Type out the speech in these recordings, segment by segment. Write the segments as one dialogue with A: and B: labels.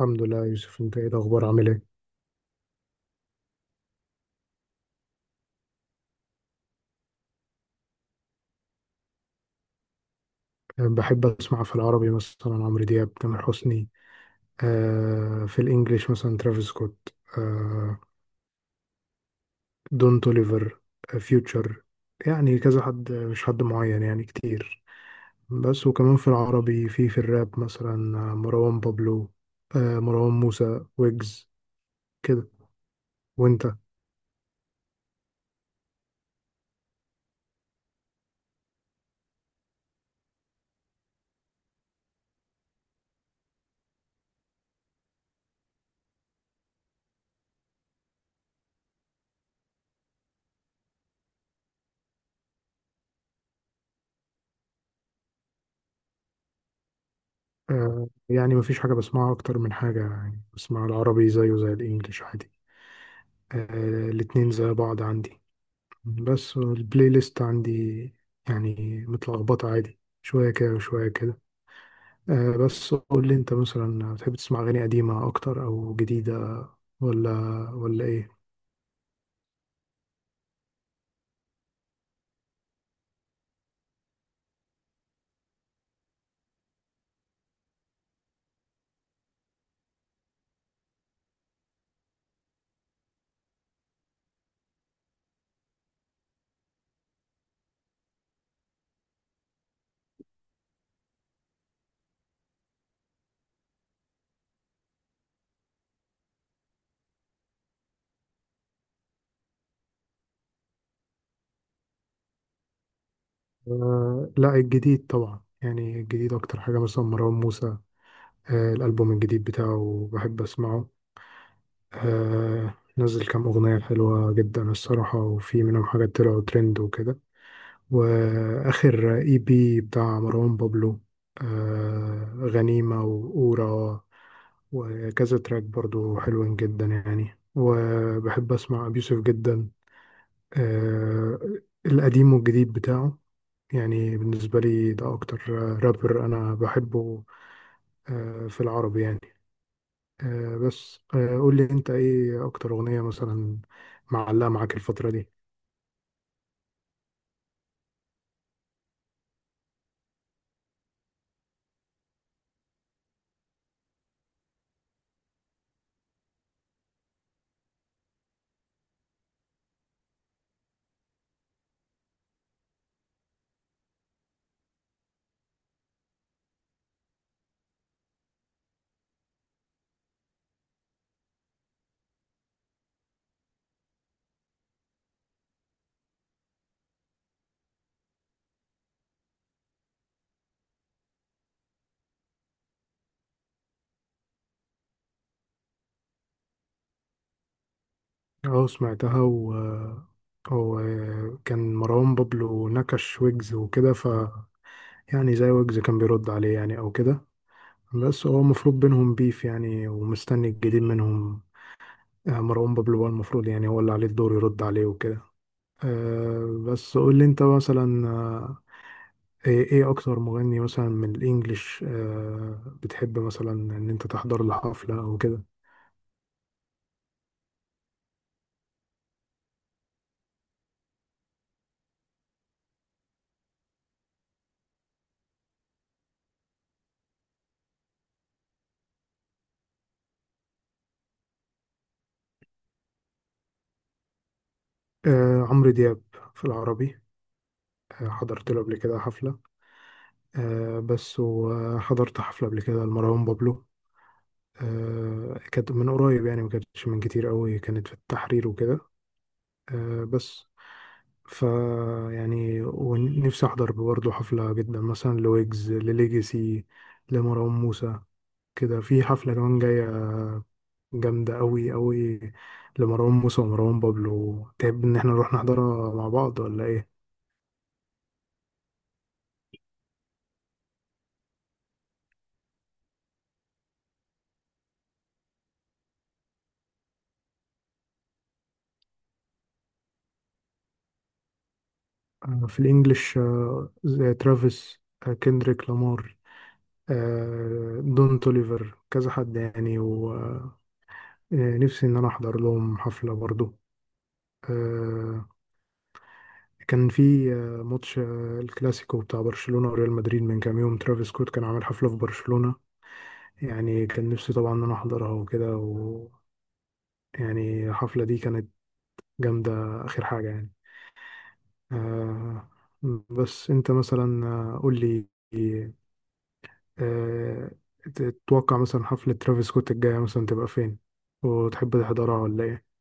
A: الحمد لله يا يوسف، انت ايه الاخبار؟ عامل ايه؟ بحب اسمع في العربي مثلا عمرو دياب، تامر حسني. في الانجليش مثلا ترافيس سكوت، آه دون توليفر، فيوتشر. يعني كذا حد، مش حد معين، يعني كتير. بس وكمان في العربي في الراب مثلا، مروان بابلو، مروان موسى، ويجز كده. وانت؟ يعني مفيش حاجة بسمعها اكتر من حاجة، يعني بسمع العربي زيه زي الانجليش عادي. الاتنين زي بعض عندي، بس البلاي ليست عندي يعني متلخبطة، عادي شوية كده وشوية كده. بس قول لي انت مثلا، بتحب تسمع أغاني قديمة أكتر أو جديدة، ولا ايه؟ لا، الجديد طبعا. يعني الجديد أكتر حاجة مثلا مروان موسى، الألبوم الجديد بتاعه بحب أسمعه. نزل كام أغنية حلوة جدا الصراحة، وفي منهم حاجات طلعوا ترند وكده. واخر اي بي بتاع مروان بابلو، غنيمة وأورا، وكذا تراك برضو حلوين جدا يعني. وبحب اسمع ابي يوسف جدا، آه القديم والجديد بتاعه. يعني بالنسبة لي ده اكتر رابر انا بحبه، في العربي يعني. بس قول لي انت ايه اكتر اغنية مثلا معلقة معاك الفترة دي؟ اه، سمعتها. هو كان مروان بابلو نكش ويجز وكده. يعني زي ويجز كان بيرد عليه يعني او كده. بس هو المفروض بينهم بيف يعني، ومستني الجديد منهم. مروان بابلو هو المفروض، يعني هو اللي عليه الدور يرد عليه وكده. بس قول لي انت مثلا، إيه اكتر مغني مثلا من الانجليش بتحب مثلا ان انت تحضر له حفلة او كده؟ عمرو دياب في العربي، حضرت له قبل كده حفلة. بس وحضرت حفلة قبل كده لمروان بابلو، كانت من قريب يعني، ما كانتش من كتير قوي، كانت في التحرير وكده. بس ف يعني ونفسي أحضر برضه حفلة جدا مثلا لويجز، لليجاسي، لمروان موسى كده. في حفلة كمان جاية جامدة قوي قوي لمروان موسى ومروان بابلو، تحب إن احنا نروح نحضرها مع بعض ولا إيه؟ في الإنجليش زي ترافيس، كندريك لامار، دون توليفر، كذا حد يعني. ونفسي ان انا احضر لهم حفلة برضو. آه، كان في ماتش الكلاسيكو بتاع برشلونة وريال مدريد من كام يوم، ترافيس سكوت كان عامل حفلة في برشلونة. يعني كان نفسي طبعا ان انا احضرها وكده. يعني الحفلة دي كانت جامدة، اخر حاجة يعني. آه، بس انت مثلا قول لي، آه، تتوقع مثلا حفلة ترافيس سكوت الجاية مثلا تبقى فين، وتحب تحضرها ولا ايه؟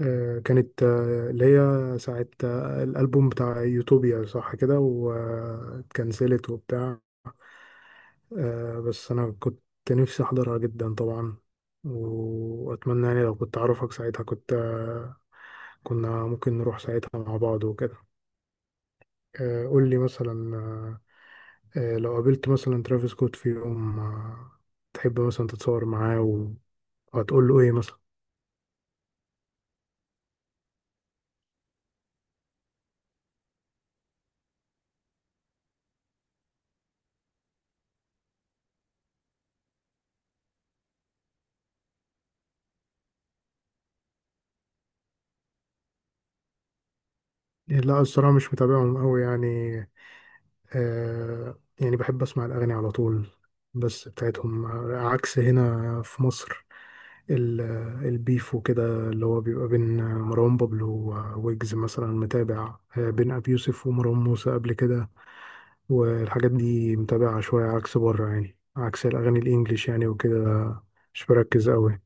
A: كانت اللي هي ساعة الألبوم بتاع يوتوبيا، صح كده؟ واتكنسلت وبتاع. بس أنا كنت نفسي أحضرها جدا طبعا، وأتمنى يعني لو كنت أعرفك ساعتها كنت، كنا ممكن نروح ساعتها مع بعض وكده. قول لي مثلا، لو قابلت مثلا ترافيس سكوت في يوم، تحب مثلا تتصور معاه و- وهتقول له إيه مثلا؟ لا، الصراحة مش متابعهم أوي يعني. يعني بحب أسمع الأغاني على طول بس بتاعتهم. عكس هنا في مصر، ال- البيف وكده اللي هو بيبقى بين مروان بابلو وويجز مثلا، متابع، بين أبي يوسف ومروان موسى قبل كده. والحاجات دي متابعة شوية، عكس بره يعني، عكس الأغاني الإنجليش يعني وكده، مش بركز أوي.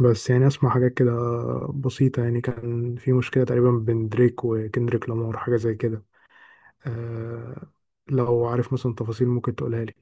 A: بس يعني أسمع حاجات كده بسيطة. يعني كان في مشكلة تقريبا بين دريك وكندريك لامار، حاجة زي كده. آه لو عارف مثلا تفاصيل ممكن تقولها لي.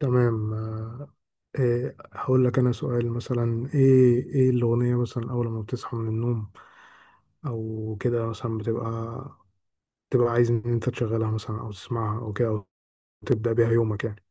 A: تمام. إيه، هقول لك انا سؤال مثلا: ايه الاغنيه مثلا اول ما بتصحى من النوم او كده مثلا، تبقى عايز ان انت تشغلها مثلا او تسمعها او كده، او تبدا بيها يومك يعني؟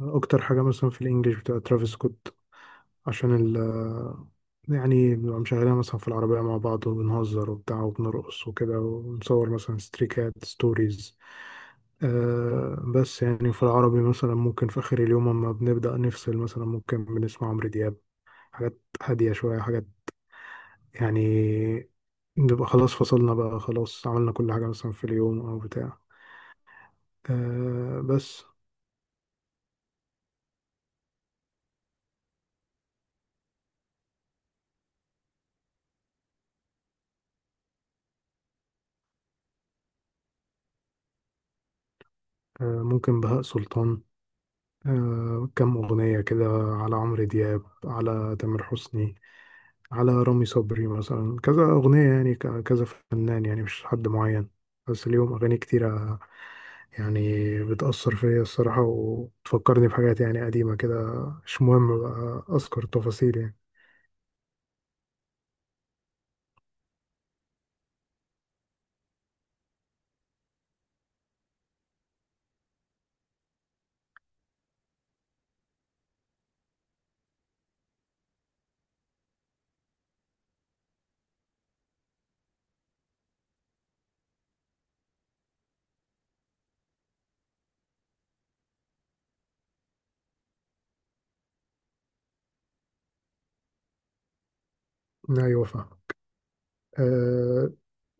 A: اكتر حاجه مثلا في الانجليش بتبقى ترافيس سكوت، عشان يعني بنبقى مشغلينها مثلا في العربية مع بعض، وبنهزر وبتاع وبنرقص وكده، ونصور مثلا ستريكات ستوريز. بس يعني في العربي مثلا ممكن في آخر اليوم، أما بنبدأ نفصل مثلا، ممكن بنسمع عمرو دياب، حاجات هادية شوية، حاجات يعني بنبقى خلاص فصلنا بقى، خلاص عملنا كل حاجة مثلا في اليوم أو بتاع. آه بس آه ممكن بهاء سلطان، كم أغنية كده، على عمرو دياب، على تامر حسني، على رامي صبري مثلا، كذا أغنية يعني، كذا فنان يعني، مش حد معين، بس ليهم أغاني كتيرة يعني بتأثر فيا الصراحة، وتفكرني بحاجات يعني قديمة كده، مش مهم بقى أذكر تفاصيل يعني. أيوة فاهم. أه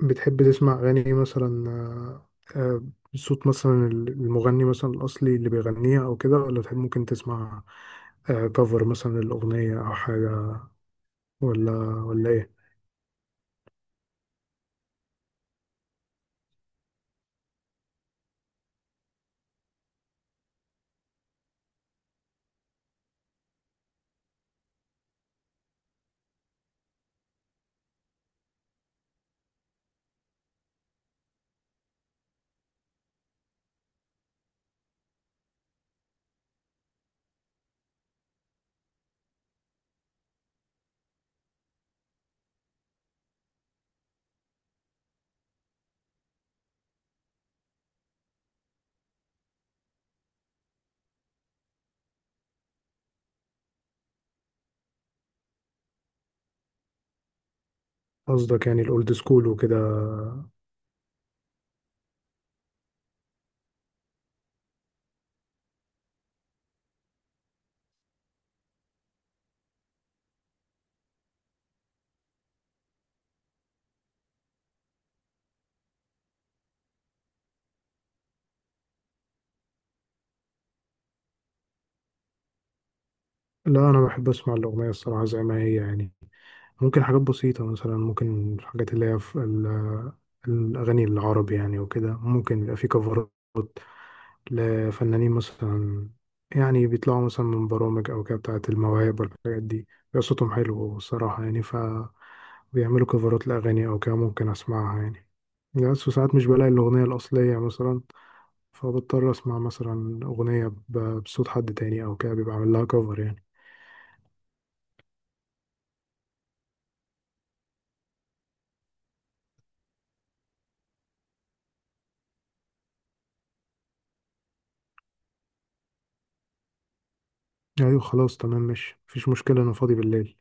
A: بتحب تسمع أغاني مثلا أه آه، بصوت مثلا المغني مثلا الأصلي اللي بيغنيها أو كده، ولا تحب ممكن تسمع كفر مثلا الأغنية أو حاجة، ولا إيه؟ قصدك يعني الاولد سكول وكده. لا، انا بحب اسمع الاغنيه الصراحه زي ما هي يعني. ممكن حاجات بسيطه مثلا، ممكن الحاجات اللي هي في الاغاني العربي يعني وكده، ممكن يبقى في كفرات لفنانين مثلا، يعني بيطلعوا مثلا من برامج او كده بتاعه المواهب والحاجات دي، بيبقى صوتهم حلو الصراحه يعني، فبيعملوا كفرات لاغاني او كده ممكن اسمعها يعني. بس ساعات مش بلاقي الاغنيه الاصليه مثلا، فبضطر اسمع مثلا اغنيه بصوت حد تاني او كده، بيبقى عامل لها كفر يعني. ايوه خلاص تمام، مش مفيش مشكله، انا فاضي بالليل.